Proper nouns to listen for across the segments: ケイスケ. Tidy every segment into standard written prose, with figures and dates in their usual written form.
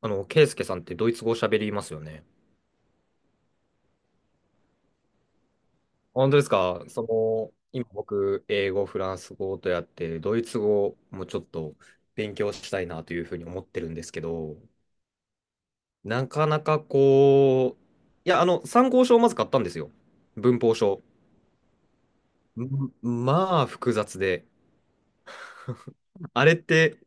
ケイスケさんってドイツ語喋りますよね。本当ですか？その、今僕、英語、フランス語とやって、ドイツ語もちょっと勉強したいなというふうに思ってるんですけど、なかなかこう、参考書をまず買ったんですよ。文法書。複雑で。あれって、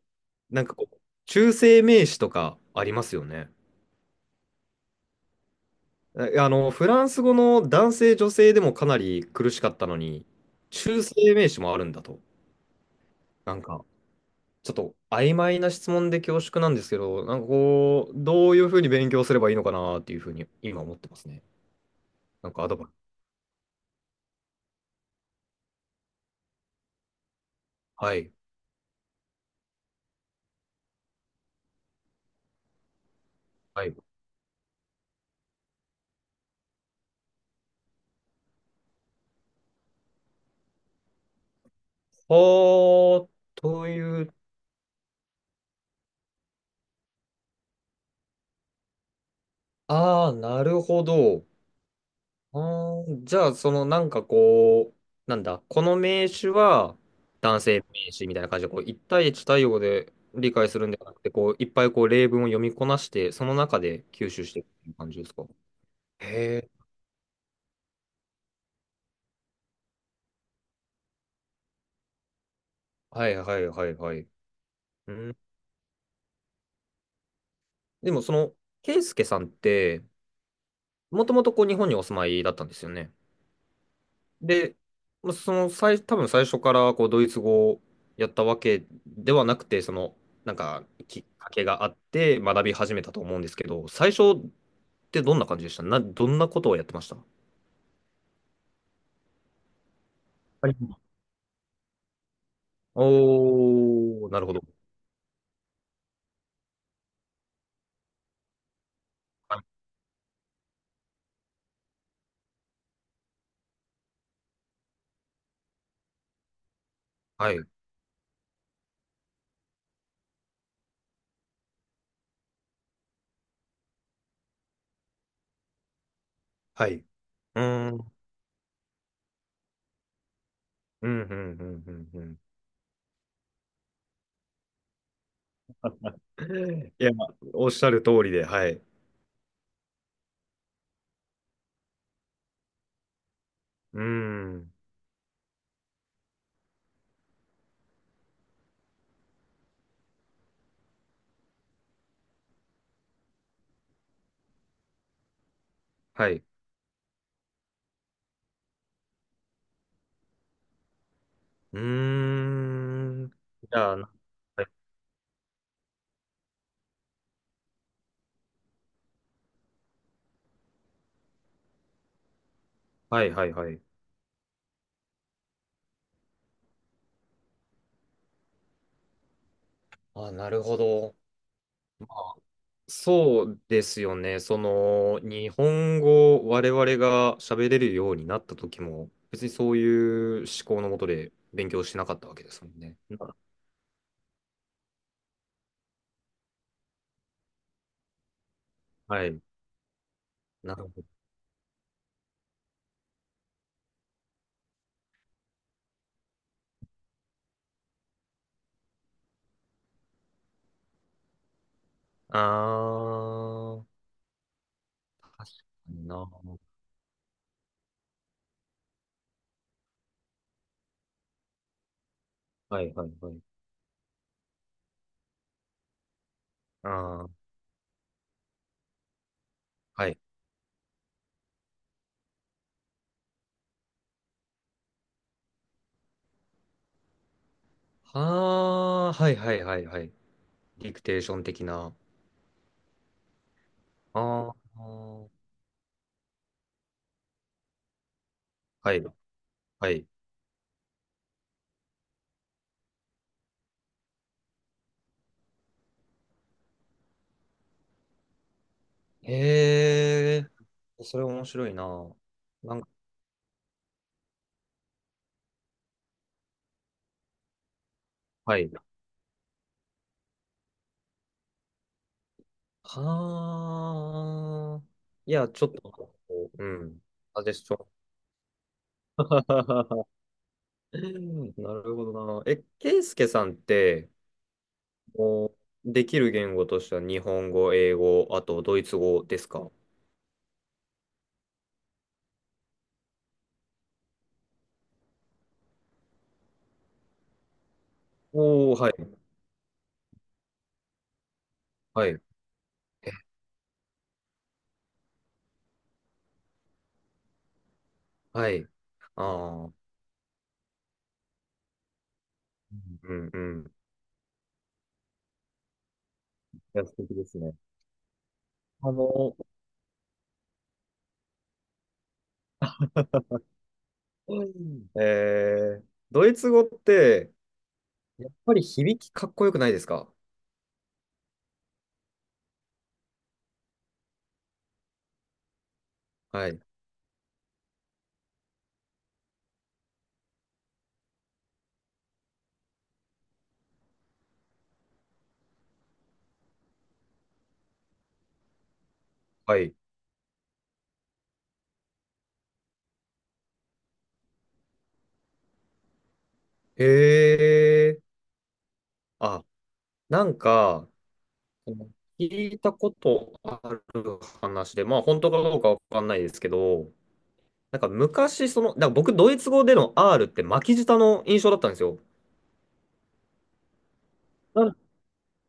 なんかこう、中性名詞とかありますよね。フランス語の男性、女性でもかなり苦しかったのに、中性名詞もあるんだと。なんか、ちょっと曖昧な質問で恐縮なんですけど、なんかこう、どういうふうに勉強すればいいのかなっていうふうに今思ってますね。なんかアドバイス。はい。はい。はあ、という、ああ、なるほど。あー、じゃあ、そのなんかこう、なんだ、この名詞は男性名詞みたいな感じで、こう、一対一対応で理解するんではなくて、こう、いっぱいこう、例文を読みこなして、その中で吸収していくっていう感じですか？へえ。はいはいはいはい。うー、でもその、ケイスケさんって、もともとこう日本にお住まいだったんですよね。で、まあその最、多分最初からこうドイツ語をやったわけではなくて、その、なんかきっかけがあって学び始めたと思うんですけど、最初ってどんな感じでしたどんなことをやってました？はい、おー、なるほど。はい。はい。うーん。うん、うん、うん、うん、うん。いや、おっしゃる通りで、はい。うーん。はい。うーん。じゃあ、な、はいはいはい。あ、なるほど。そうですよね。その、日本語を我々が喋れるようになった時も、別にそういう思考のもとで勉強しなかったわけですもんね。な、はい。なるほど。あー、確かにな。はいはいはい。あー、はい。はー、はいはいはいはい。ディクテーション的な。あー、はい。はい。へえ、それ面白いな。なんか、はい。はあ、いや、ちょっと、こううん、アジェスション。なるほどな。え、ケイスケさんって、もう、できる言語としては日本語、英語、あとドイツ語ですか？おおー、はい、はい、え、はい。ああ、うん、うんうん。いや、素敵ですね。あの、うん、えー、ドイツ語って、やっぱり響きかっこよくないですか？はい。はい。へえ。あ、なんか、聞いたことある話で、まあ本当かどうかわかんないですけど、なんか昔、その、なんか僕、ドイツ語での R って巻き舌の印象だったんですよ。なん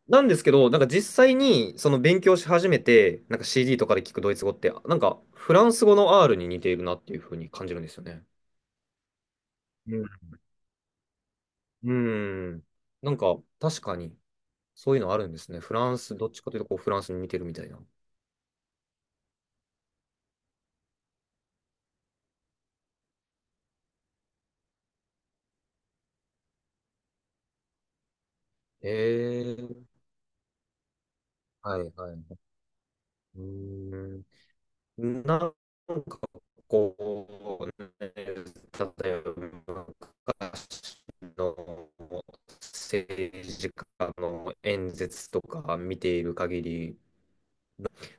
なんですけど、なんか実際にその勉強し始めて、なんか CD とかで聞くドイツ語って、なんかフランス語の R に似ているなっていうふうに感じるんですよね。うん。うん。なんか確かに。そういうのあるんですね。フランス、どっちかというとこうフランスに似てるみたいな。ええ、はいはい。うーん。なんかこ例えば昔の政治家の演説とか見ている限り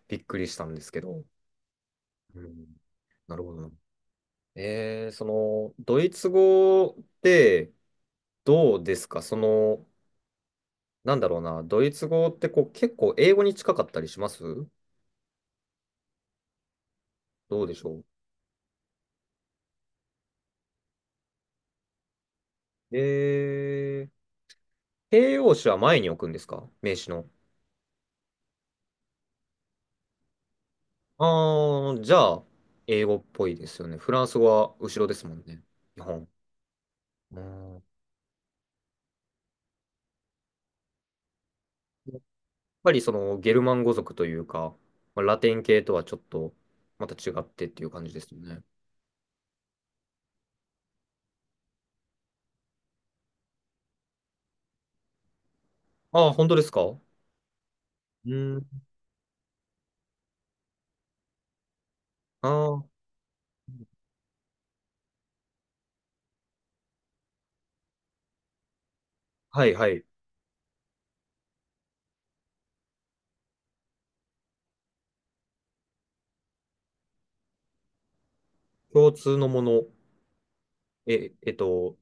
びっくりしたんですけど。うん、なるほどな。えー、その、ドイツ語ってどうですか？その、なんだろうな、ドイツ語ってこう結構英語に近かったりします？どうでしょう、えー、形容詞は前に置くんですか名詞の？あー、じゃあ、英語っぽいですよね。フランス語は後ろですもんね。日本。うん。やっぱりそのゲルマン語族というか、まあラテン系とはちょっとまた違ってっていう感じですよね。ああ、本当ですか？うん。ああ、はいはい。共通のもの。え、えっと、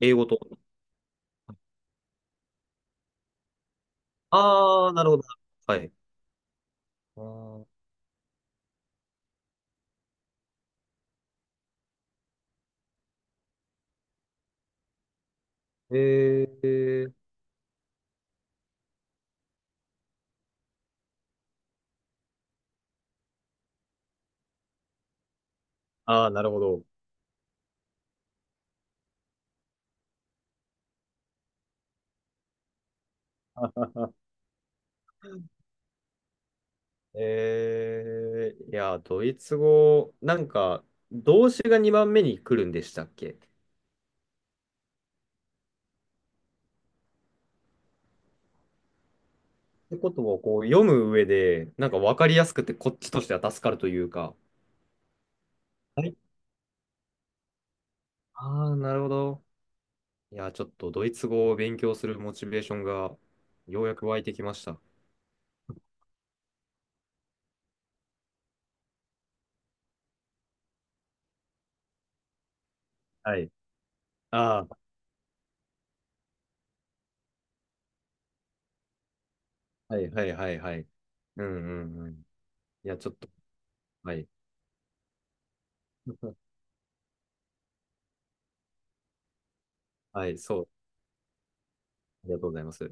英語と。ああ、なるほど。はい。あー、えー、ああ、なるほど。えー、いや、ドイツ語、なんか、動詞が2番目に来るんでしたっけ？ってことをこう読む上で、なんか分かりやすくて、こっちとしては助かるというか。はい。ああ、なるほど。いや、ちょっとドイツ語を勉強するモチベーションが、ようやく湧いてきました。はい。ああ、はいはいはいはい。うんうんうん。いや、ちょっと、はい。はい、そう。ありがとうございます。